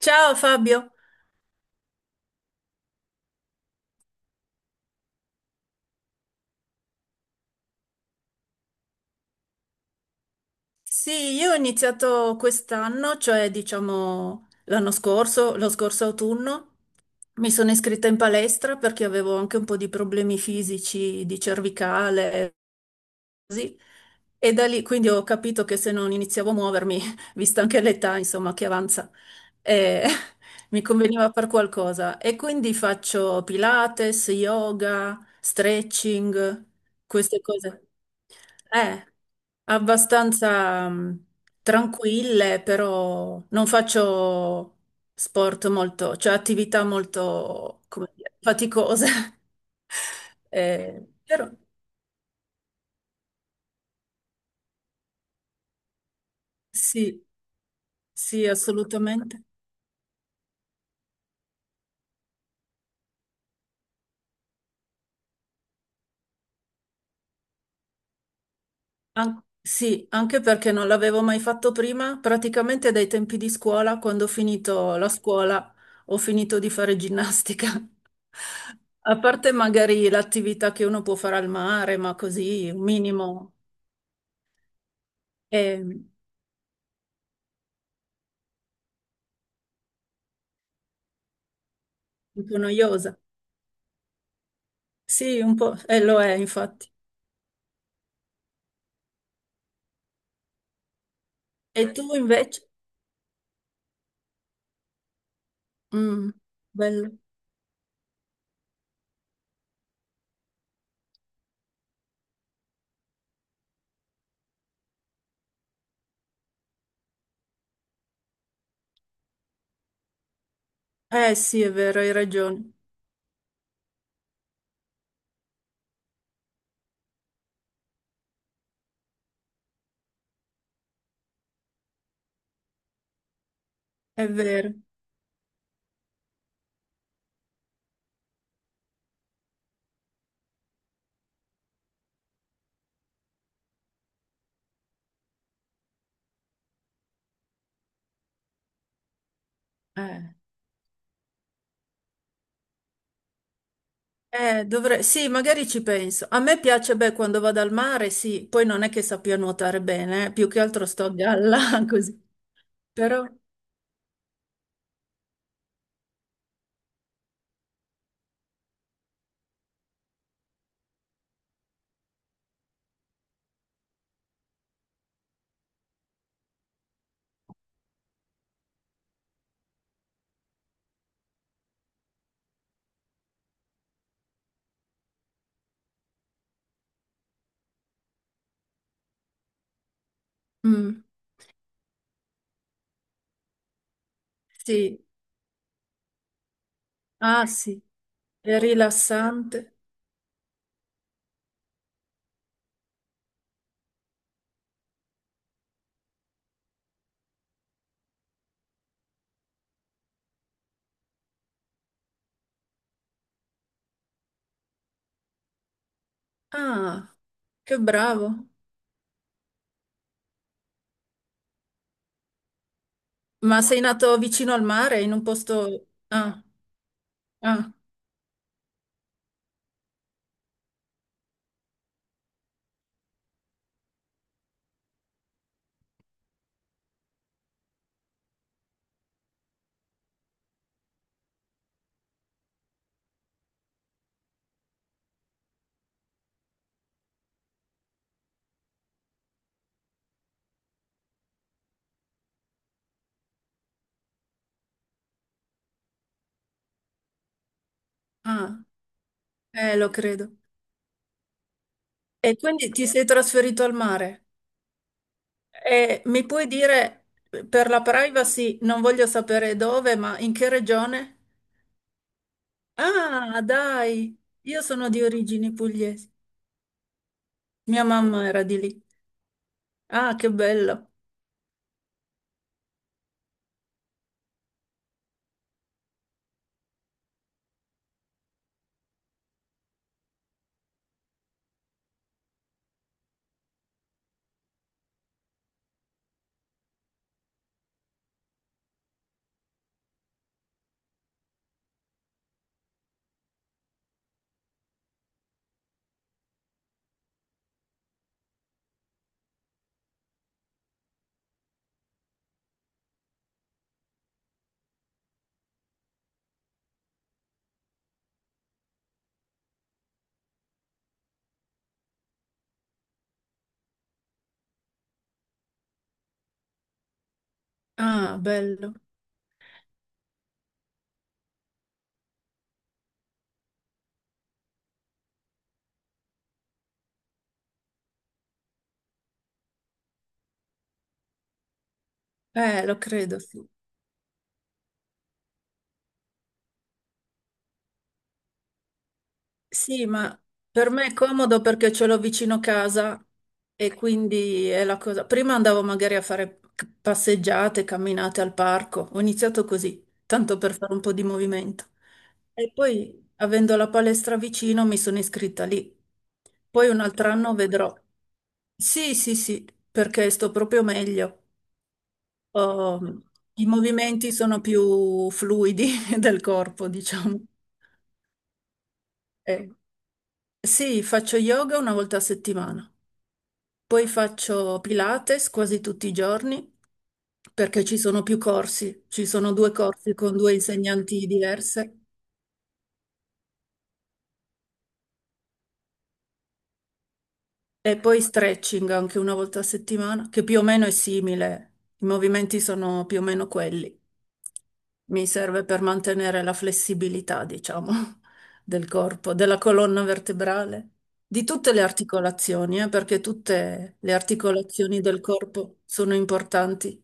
Ciao Fabio, sì, io ho iniziato quest'anno, cioè diciamo l'anno scorso, lo scorso autunno, mi sono iscritta in palestra perché avevo anche un po' di problemi fisici di cervicale, così. E da lì quindi ho capito che se non iniziavo a muovermi, vista anche l'età, insomma, che avanza, eh, mi conveniva far qualcosa. E quindi faccio Pilates, yoga, stretching, queste cose. Eh, abbastanza tranquille, però non faccio sport molto, cioè attività molto, come dire, faticose. Però sì. Sì, assolutamente. Sì, anche perché non l'avevo mai fatto prima, praticamente dai tempi di scuola, quando ho finito la scuola, ho finito di fare ginnastica. A parte magari l'attività che uno può fare al mare, ma così, un minimo, è un po' noiosa. Sì, un po', e lo è infatti. E tu invece? Mm, bello. Eh sì, è vero, hai ragione. È vero. Eh. Dovrei... Sì, magari ci penso. A me piace, beh, quando vado al mare, sì, poi non è che sappia nuotare bene, più che altro sto a galla così. Però, mm, sì, ah sì, è rilassante. Ah, che bravo. Ma sei nato vicino al mare, in un posto... Ah, ah, ah, lo credo. E quindi ti sei trasferito al mare? E mi puoi dire, per la privacy, non voglio sapere dove, ma in che regione? Ah, dai, io sono di origini pugliesi. Mia mamma era di lì. Ah, che bello. Ah, bello. Lo credo, sì. Sì, ma per me è comodo perché ce l'ho vicino casa e quindi è la cosa. Prima andavo magari a fare passeggiate, camminate al parco. Ho iniziato così, tanto per fare un po' di movimento. E poi, avendo la palestra vicino, mi sono iscritta lì. Poi un altro anno vedrò. Sì, sì, sì, perché sto proprio meglio. Ehm, i movimenti sono più fluidi del corpo, diciamo. Eh, sì, faccio yoga una volta a settimana, poi faccio Pilates quasi tutti i giorni perché ci sono più corsi, ci sono due corsi con due insegnanti diverse. E poi stretching anche una volta a settimana, che più o meno è simile, i movimenti sono più o meno quelli. Mi serve per mantenere la flessibilità, diciamo, del corpo, della colonna vertebrale, di tutte le articolazioni, perché tutte le articolazioni del corpo sono importanti.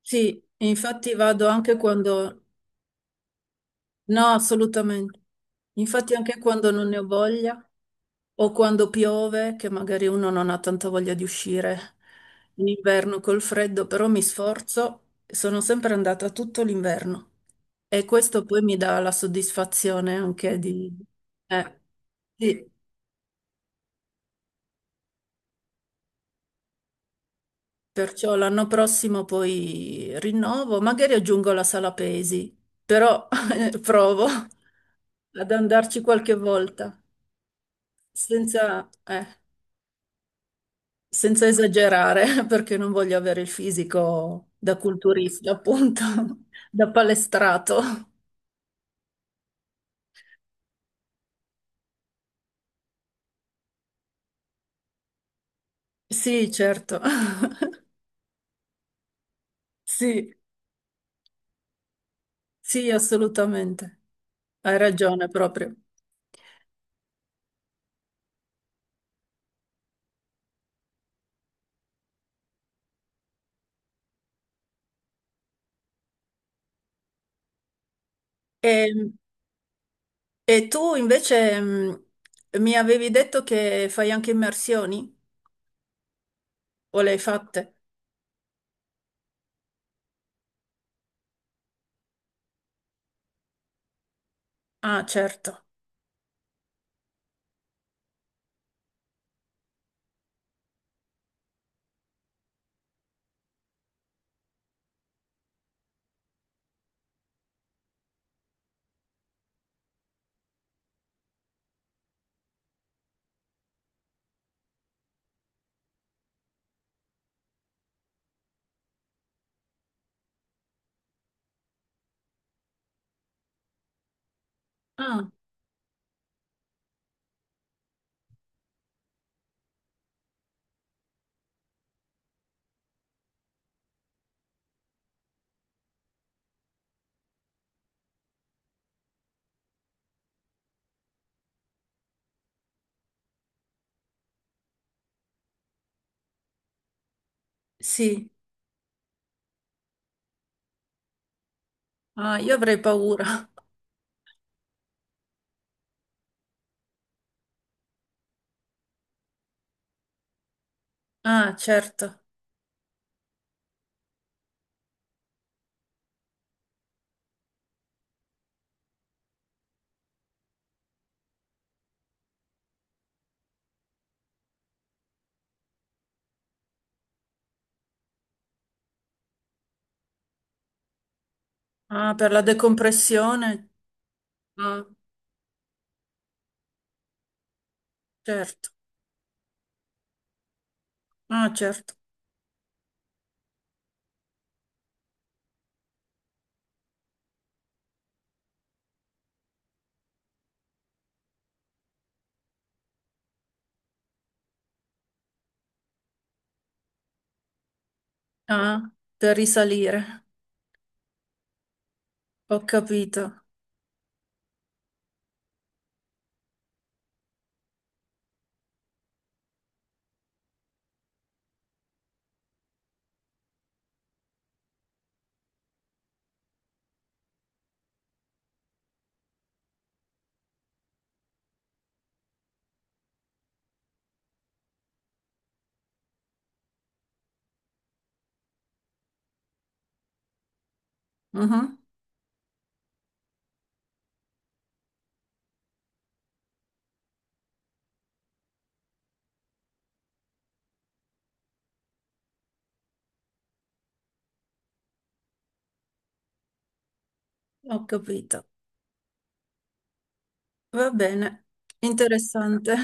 Sì, infatti vado anche quando no, assolutamente. Infatti anche quando non ne ho voglia o quando piove, che magari uno non ha tanta voglia di uscire in inverno col freddo, però mi sforzo, sono sempre andata tutto l'inverno e questo poi mi dà la soddisfazione anche di... eh, sì. Perciò l'anno prossimo poi rinnovo, magari aggiungo la sala pesi, però provo ad andarci qualche volta senza... eh, senza esagerare, perché non voglio avere il fisico da culturista, appunto, da palestrato. Sì, certo. Sì, sì, assolutamente. Hai ragione proprio. E, e tu invece mi avevi detto che fai anche immersioni? O le hai fatte? Ah, certo. Ah, sì. Ah, io avrei paura. Ah, certo. Ah, per la decompressione? Ah, certo. Ah, certo. Ah, per risalire. Ho capito. Mhm. Ho capito. Va bene. Interessante.